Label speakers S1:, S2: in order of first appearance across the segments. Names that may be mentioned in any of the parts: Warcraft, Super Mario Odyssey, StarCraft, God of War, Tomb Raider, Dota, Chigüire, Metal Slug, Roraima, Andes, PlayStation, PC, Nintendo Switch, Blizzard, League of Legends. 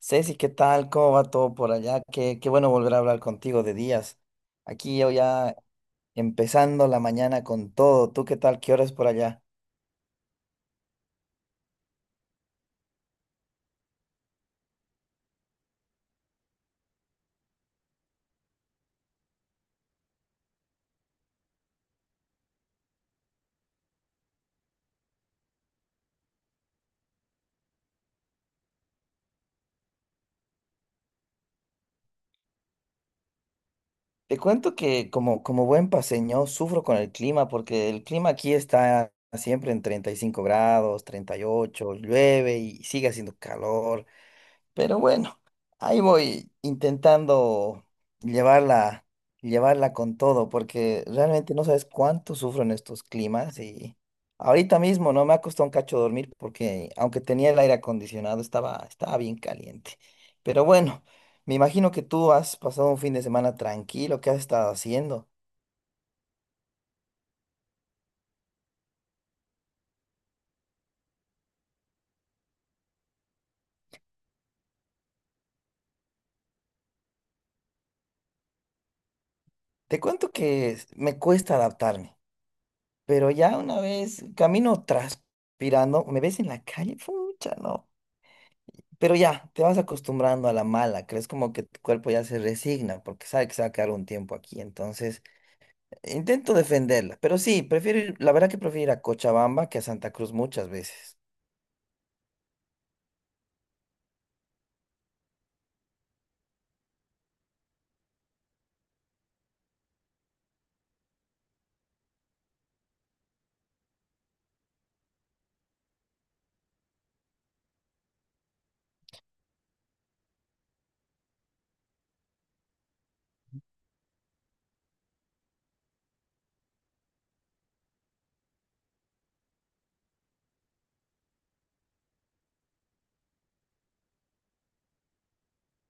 S1: Ceci, ¿qué tal? ¿Cómo va todo por allá? Qué bueno volver a hablar contigo de días. Aquí yo ya empezando la mañana con todo. ¿Tú qué tal? ¿Qué horas por allá? Te cuento que como buen paseño sufro con el clima porque el clima aquí está siempre en 35 grados, 38, llueve y sigue haciendo calor. Pero bueno, ahí voy intentando llevarla, llevarla con todo, porque realmente no sabes cuánto sufro en estos climas y ahorita mismo no me ha costado un cacho dormir porque aunque tenía el aire acondicionado estaba bien caliente. Pero bueno, me imagino que tú has pasado un fin de semana tranquilo, ¿qué has estado haciendo? Te cuento que me cuesta adaptarme, pero ya una vez camino transpirando, me ves en la calle, pucha, no. Pero ya, te vas acostumbrando a la mala, crees como que tu cuerpo ya se resigna porque sabe que se va a quedar un tiempo aquí. Entonces, intento defenderla, pero sí, la verdad que prefiero ir a Cochabamba que a Santa Cruz muchas veces,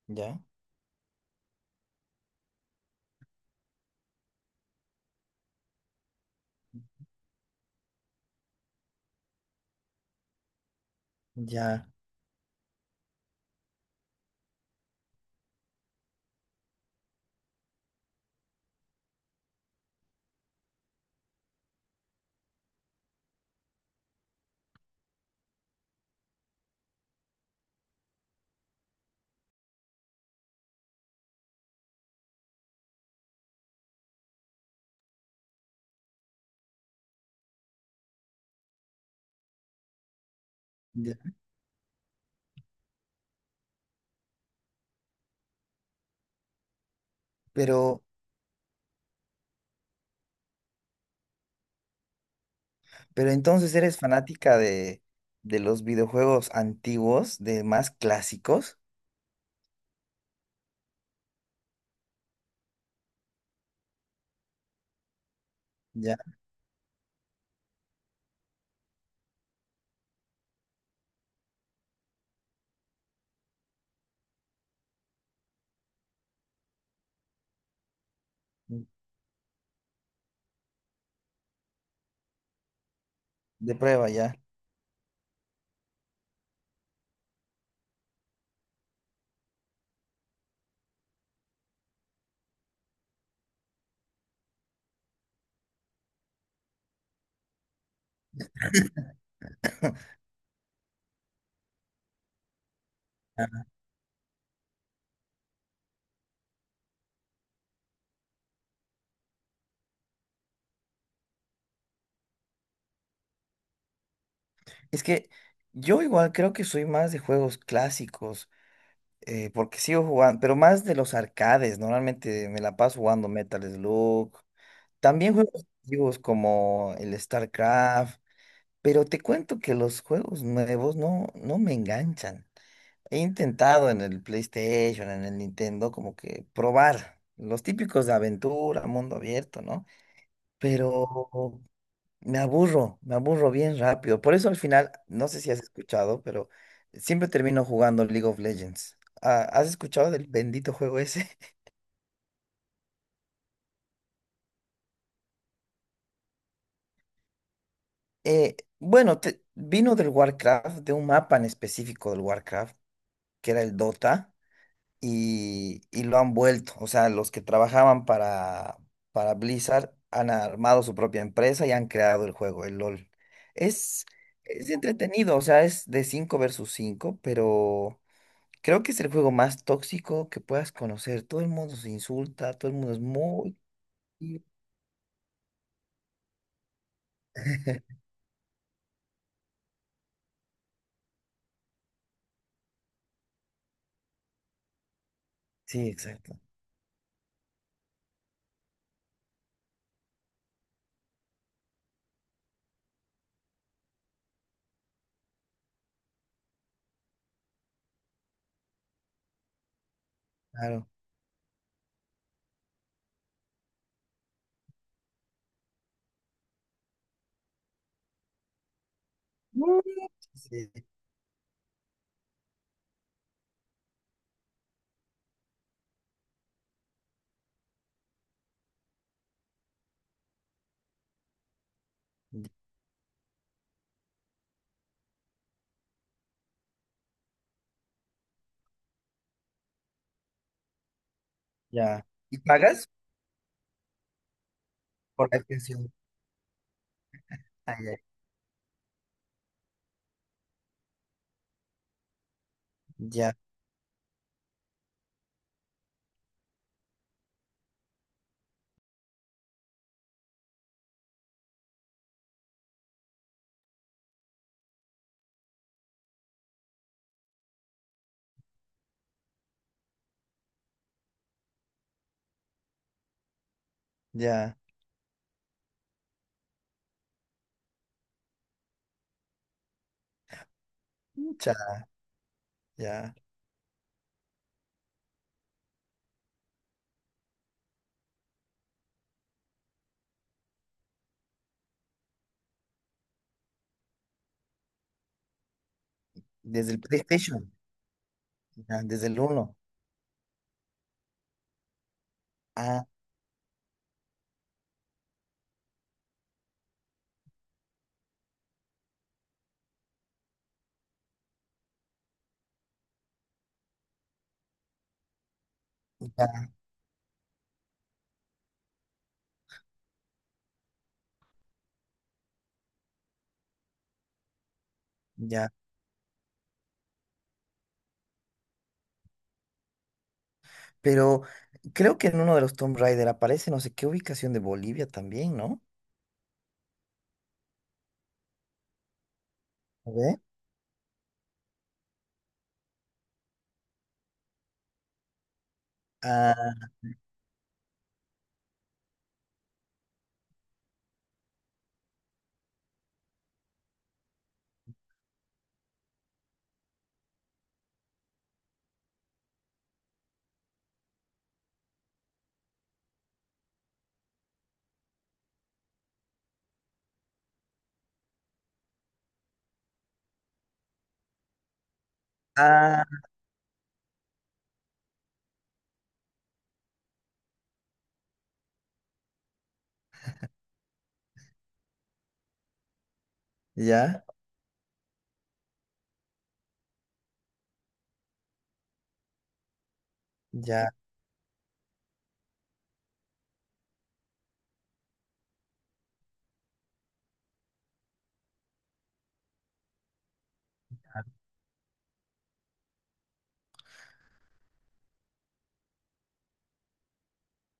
S1: ¿ya? Ya, ya. Pero, pero entonces eres fanática de los videojuegos antiguos, de más clásicos, ya. De prueba, ¿ya? Ya. Es que yo igual creo que soy más de juegos clásicos, porque sigo jugando, pero más de los arcades, normalmente me la paso jugando Metal Slug. También juegos antiguos como el StarCraft, pero te cuento que los juegos nuevos no me enganchan. He intentado en el PlayStation, en el Nintendo, como que probar los típicos de aventura, mundo abierto, ¿no? Pero me aburro bien rápido. Por eso al final, no sé si has escuchado, pero siempre termino jugando League of Legends. Ah, ¿has escuchado del bendito juego ese? Bueno, vino del Warcraft, de un mapa en específico del Warcraft, que era el Dota, y lo han vuelto. O sea, los que trabajaban para Blizzard han armado su propia empresa y han creado el juego, el LOL. Es, es entretenido, o sea, es de 5 versus 5 pero... Creo que es el juego más tóxico que puedas conocer. Todo el mundo se insulta, todo el mundo es muy... Sí, exacto. Claro. Mm. Sí, ya. ¿Y pagas por la extensión? Ah, ya. Ya, ya. Mucha, ya. Desde el PlayStation, ya, desde el uno. Ah, ya, ya. Pero creo que en uno de los Tomb Raider aparece no sé qué ubicación de Bolivia también, ¿no? A ver. Ah, ah, ya, ya.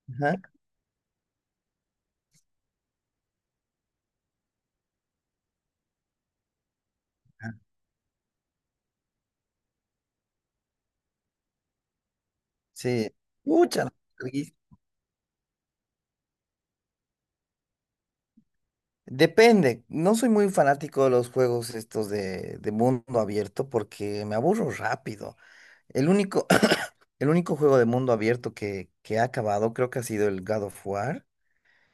S1: Ajá. Sí, muchas. Depende, no soy muy fanático de los juegos estos de mundo abierto porque me aburro rápido. El único, el único juego de mundo abierto que ha acabado creo que ha sido el God of War.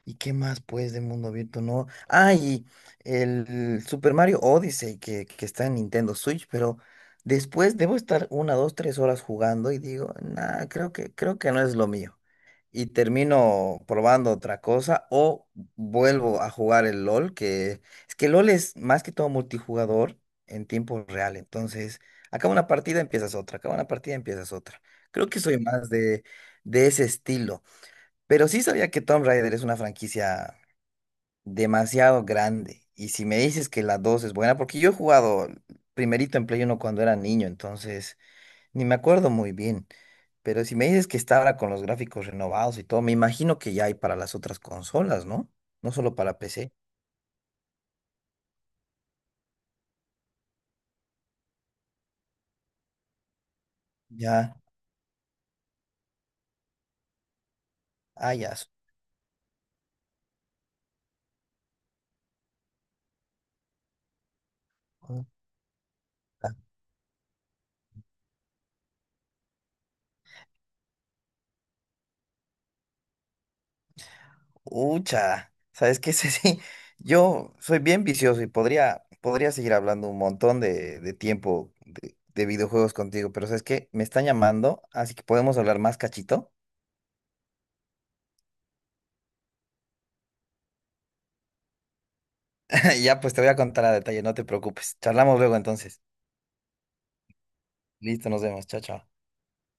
S1: ¿Y qué más pues de mundo abierto? No. Ah, y el Super Mario Odyssey que está en Nintendo Switch, pero después debo estar 1, 2, 3 horas jugando y digo, nah, creo que no es lo mío, y termino probando otra cosa o vuelvo a jugar el LOL, que es que LOL es más que todo multijugador en tiempo real, entonces acaba una partida, empiezas otra, acaba una partida, empiezas otra. Creo que soy más de ese estilo, pero sí sabía que Tomb Raider es una franquicia demasiado grande y si me dices que la 2 es buena, porque yo he jugado primerito en Play uno cuando era niño, entonces... Ni me acuerdo muy bien, pero si me dices que está ahora con los gráficos renovados y todo, me imagino que ya hay para las otras consolas, ¿no? No solo para PC. Ya, ah, ya. Su- puta. Ucha, ¿sabes qué? Sí, sí, yo soy bien vicioso y podría seguir hablando un montón de tiempo de videojuegos contigo, pero ¿sabes qué? Me están llamando, así que podemos hablar más cachito. Ya, pues te voy a contar a detalle, no te preocupes. Charlamos luego entonces. Listo, nos vemos. Chao, chao.